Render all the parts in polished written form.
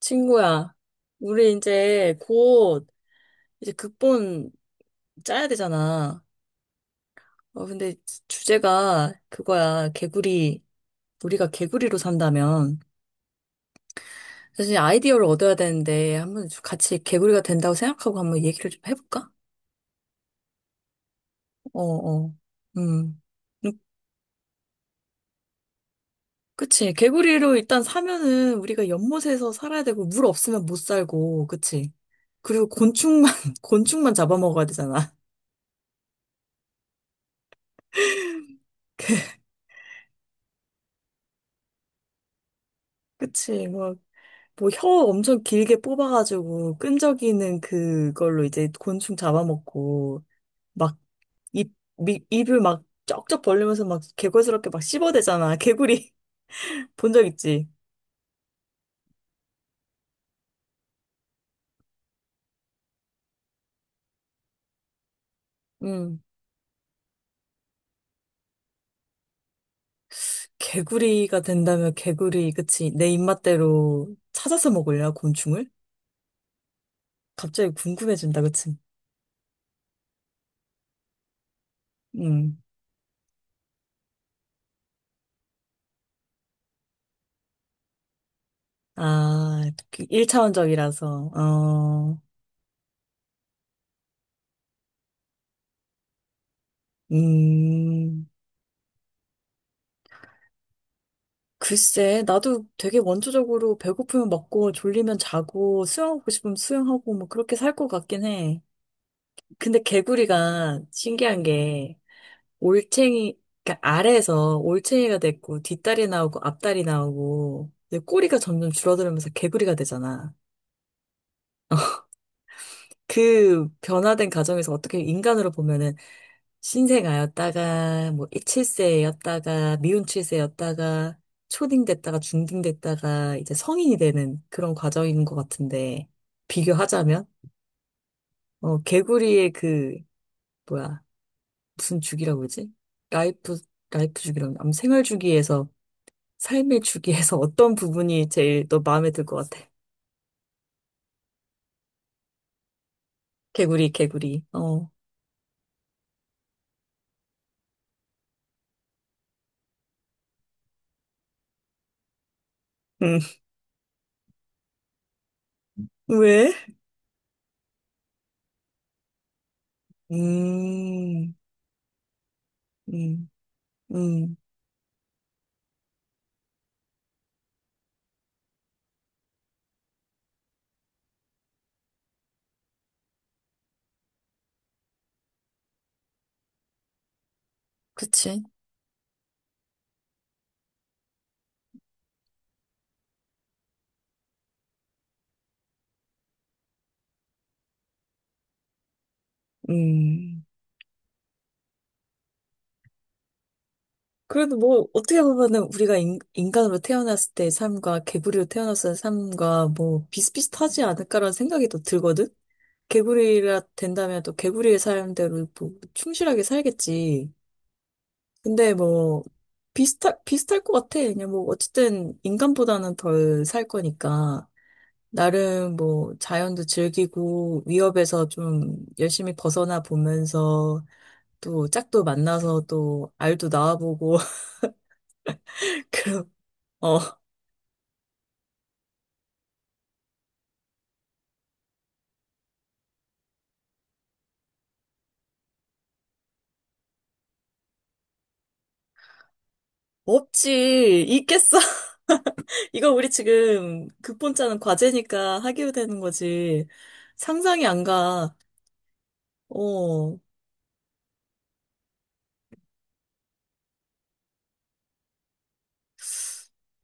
친구야, 우리 이제 곧 극본 짜야 되잖아. 근데 주제가 그거야. 개구리. 우리가 개구리로 산다면. 사실 아이디어를 얻어야 되는데 한번 같이 개구리가 된다고 생각하고 한번 얘기를 좀 해볼까? 어, 어. 음. 음, 그치. 개구리로 일단 사면은 우리가 연못에서 살아야 되고 물 없으면 못 살고, 그치. 그리고 곤충만, 곤충만 잡아먹어야 되잖아. 그치. 뭐 혀 엄청 길게 뽑아가지고 끈적이는 그걸로 이제 곤충 잡아먹고 막 입, 입을 막 쩍쩍 벌리면서 막 개구스럽게 막 씹어대잖아. 개구리 본 적 있지? 음. 개구리가 된다면 개구리, 그치? 내 입맛대로 찾아서 먹을래, 곤충을? 갑자기 궁금해진다, 그치? 음. 아, 1차원적이라서, 어, 음. 글쎄, 나도 되게 원초적으로 배고프면 먹고 졸리면 자고 수영하고 싶으면 수영하고 뭐 그렇게 살 것 같긴 해. 근데 개구리가 신기한 게 올챙이, 그러니까 아래에서 올챙이가 됐고 뒷다리 나오고 앞다리 나오고 이제 꼬리가 점점 줄어들면서 개구리가 되잖아. 그 변화된 가정에서 어떻게 인간으로 보면은 신생아였다가 뭐 7세였다가 미운 7세였다가 초딩됐다가 중딩됐다가 이제 성인이 되는 그런 과정인 것 같은데 비교하자면 개구리의 그 뭐야, 무슨 주기라고 그러지? 라이프 라이프 주기라고, 아무 생활 주기에서 삶의 주기에서 어떤 부분이 제일 너 마음에 들 것 같아? 개구리 개구리 어. 음. 왜? 음, 음, 음. 그치? 음. 그래도 뭐, 어떻게 보면은 우리가 인간으로 태어났을 때의 삶과 개구리로 태어났을 때 삶과 뭐, 비슷비슷하지 않을까라는 생각이 또 들거든? 개구리가 된다면 또 개구리의 삶대로 뭐, 충실하게 살겠지. 근데 뭐, 비슷할 것 같아. 그냥 뭐, 어쨌든 인간보다는 덜 살 거니까. 나름 뭐, 자연도 즐기고, 위협에서 좀 열심히 벗어나 보면서, 또 짝도 만나서 또 알도 낳아보고 그, 어, 없지. 있겠어. 이거 우리 지금 극본짜는 과제니까 하기로 되는 거지. 상상이 안 가. 어,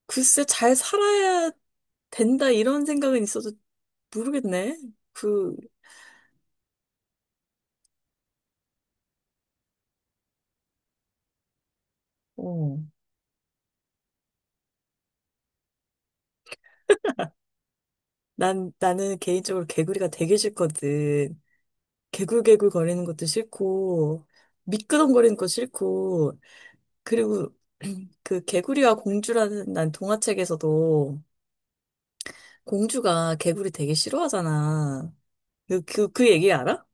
글쎄, 잘 살아야 된다, 이런 생각은 있어도 모르겠네. 그, 어, 나는 개인적으로 개구리가 되게 싫거든. 개굴개굴 거리는 것도 싫고, 미끄덩거리는 것도 싫고, 그리고 그 개구리와 공주라는 난 동화책에서도 공주가 개구리 되게 싫어하잖아. 그 얘기 알아?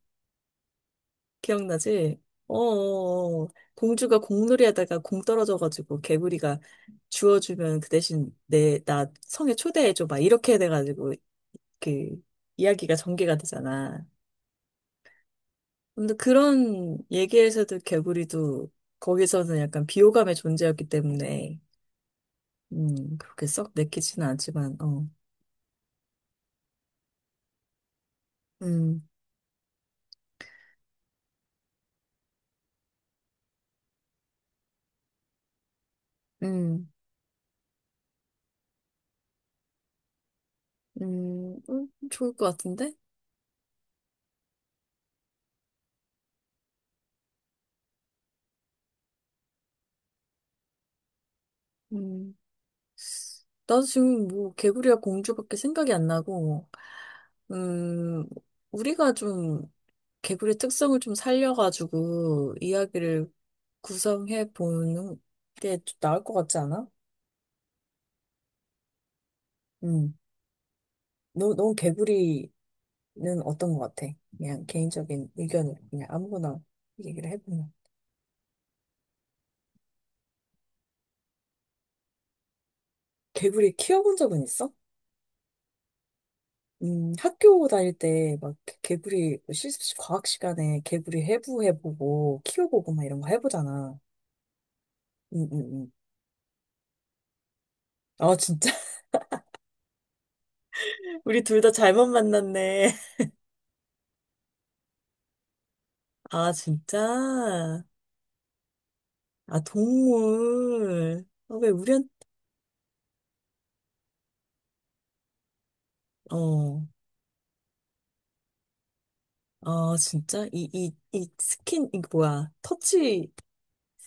기억나지? 어, 어, 어. 공주가 공놀이 하다가 공 떨어져가지고 개구리가 주워주면 그 대신 나 성에 초대해줘. 막 이렇게 돼가지고 그 이야기가 전개가 되잖아. 근데 그런 얘기에서도 개구리도 거기서는 약간 비호감의 존재였기 때문에, 그렇게 썩 내키지는 않지만, 어, 음, 음, 좋을 것 같은데? 음. 나도 지금 뭐 개구리와 공주밖에 생각이 안 나고, 음, 우리가 좀 개구리 특성을 좀 살려가지고 이야기를 구성해 보는 게 나을 것 같지 않아? 음, 넌 개구리는 어떤 것 같아? 그냥 개인적인 의견을 그냥 아무거나 얘기를 해보면. 개구리 키워본 적은 있어? 학교 다닐 때 막 개구리 실 과학 시간에 개구리 해부해보고 키워보고 막 이런 거 해보잖아. 응, 응, 응. 어, 진짜? 우리 둘 다 잘못 만났네. 아, 진짜? 아, 동물. 어, 왜 우리한, 어, 아, 진짜? 이 스킨, 이 뭐야. 터치,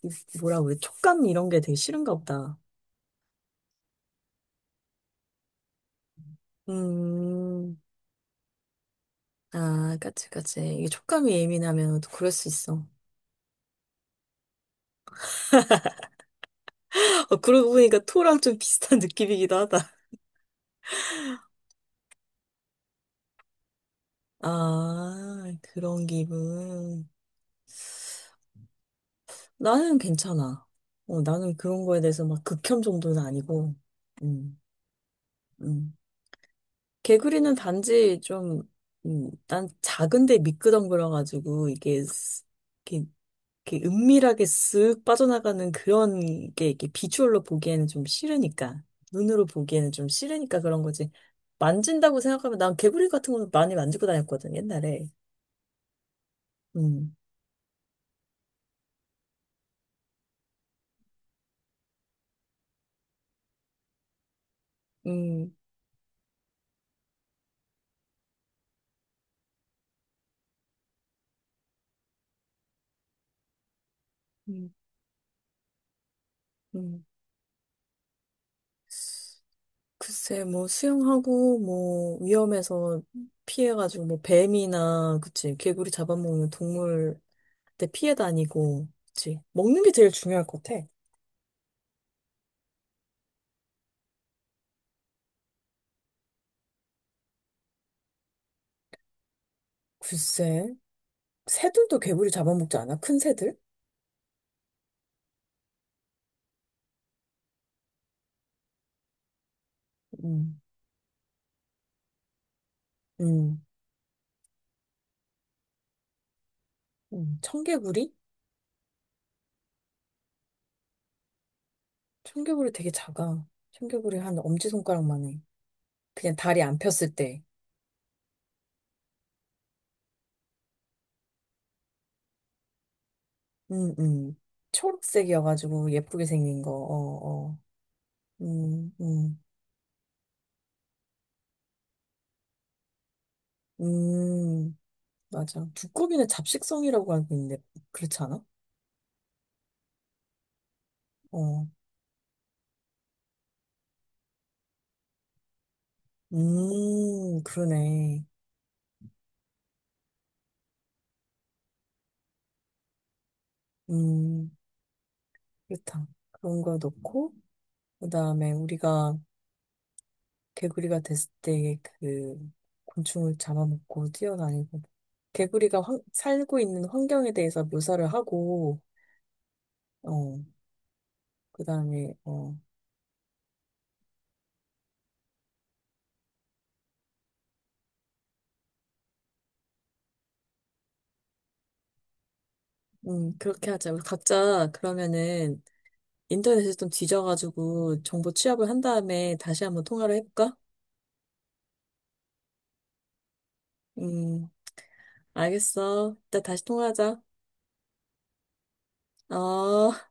이 뭐라 그래. 촉감 이런 게 되게 싫은가 보다. 음, 아, 까치. 이게 촉감이 예민하면 또 그럴 수 있어. 어, 그러고 보니까 토랑 좀 비슷한 느낌이기도 하다. 아, 그런 기분. 나는 괜찮아. 어, 나는 그런 거에 대해서 막 극혐 정도는 아니고, 음, 음. 개구리는 단지 좀, 난 작은데 미끄덩거려가지고, 이게, 스- 이렇게, 이렇게 은밀하게 쓱 빠져나가는 그런 게, 이렇게 비주얼로 보기에는 좀 싫으니까, 눈으로 보기에는 좀 싫으니까 그런 거지. 만진다고 생각하면, 난 개구리 같은 거는 많이 만지고 다녔거든, 옛날에. 음, 음, 음, 음. 글쎄, 뭐, 수영하고, 뭐, 위험해서 피해가지고, 뭐, 뱀이나, 그치, 개구리 잡아먹는 동물한테 피해 다니고, 그치. 먹는 게 제일 중요할 것 같아. 글쎄, 새들도 개구리 잡아먹지 않아? 큰 새들? 음, 음, 청개구리? 청개구리 되게 작아. 청개구리 한 엄지손가락만 해. 그냥 다리 안 폈을 때. 음, 음. 초록색이어가지고, 예쁘게 생긴 거, 어, 어. 음, 음, 음. 맞아. 두꺼비는 잡식성이라고 하는데, 그렇지 않아? 어. 그러네. 음, 그렇다. 그런 거 넣고, 그 다음에 우리가 개구리가 됐을 때 그 곤충을 잡아먹고 뛰어다니고, 개구리가 환- 살고 있는 환경에 대해서 묘사를 하고, 어, 그 다음에, 어, 그렇게 하자. 우리 각자 그러면은 인터넷에 좀 뒤져가지고 정보 취합을 한 다음에 다시 한번 통화를 해볼까? 음. 알겠어. 이따 다시 통화하자. 어.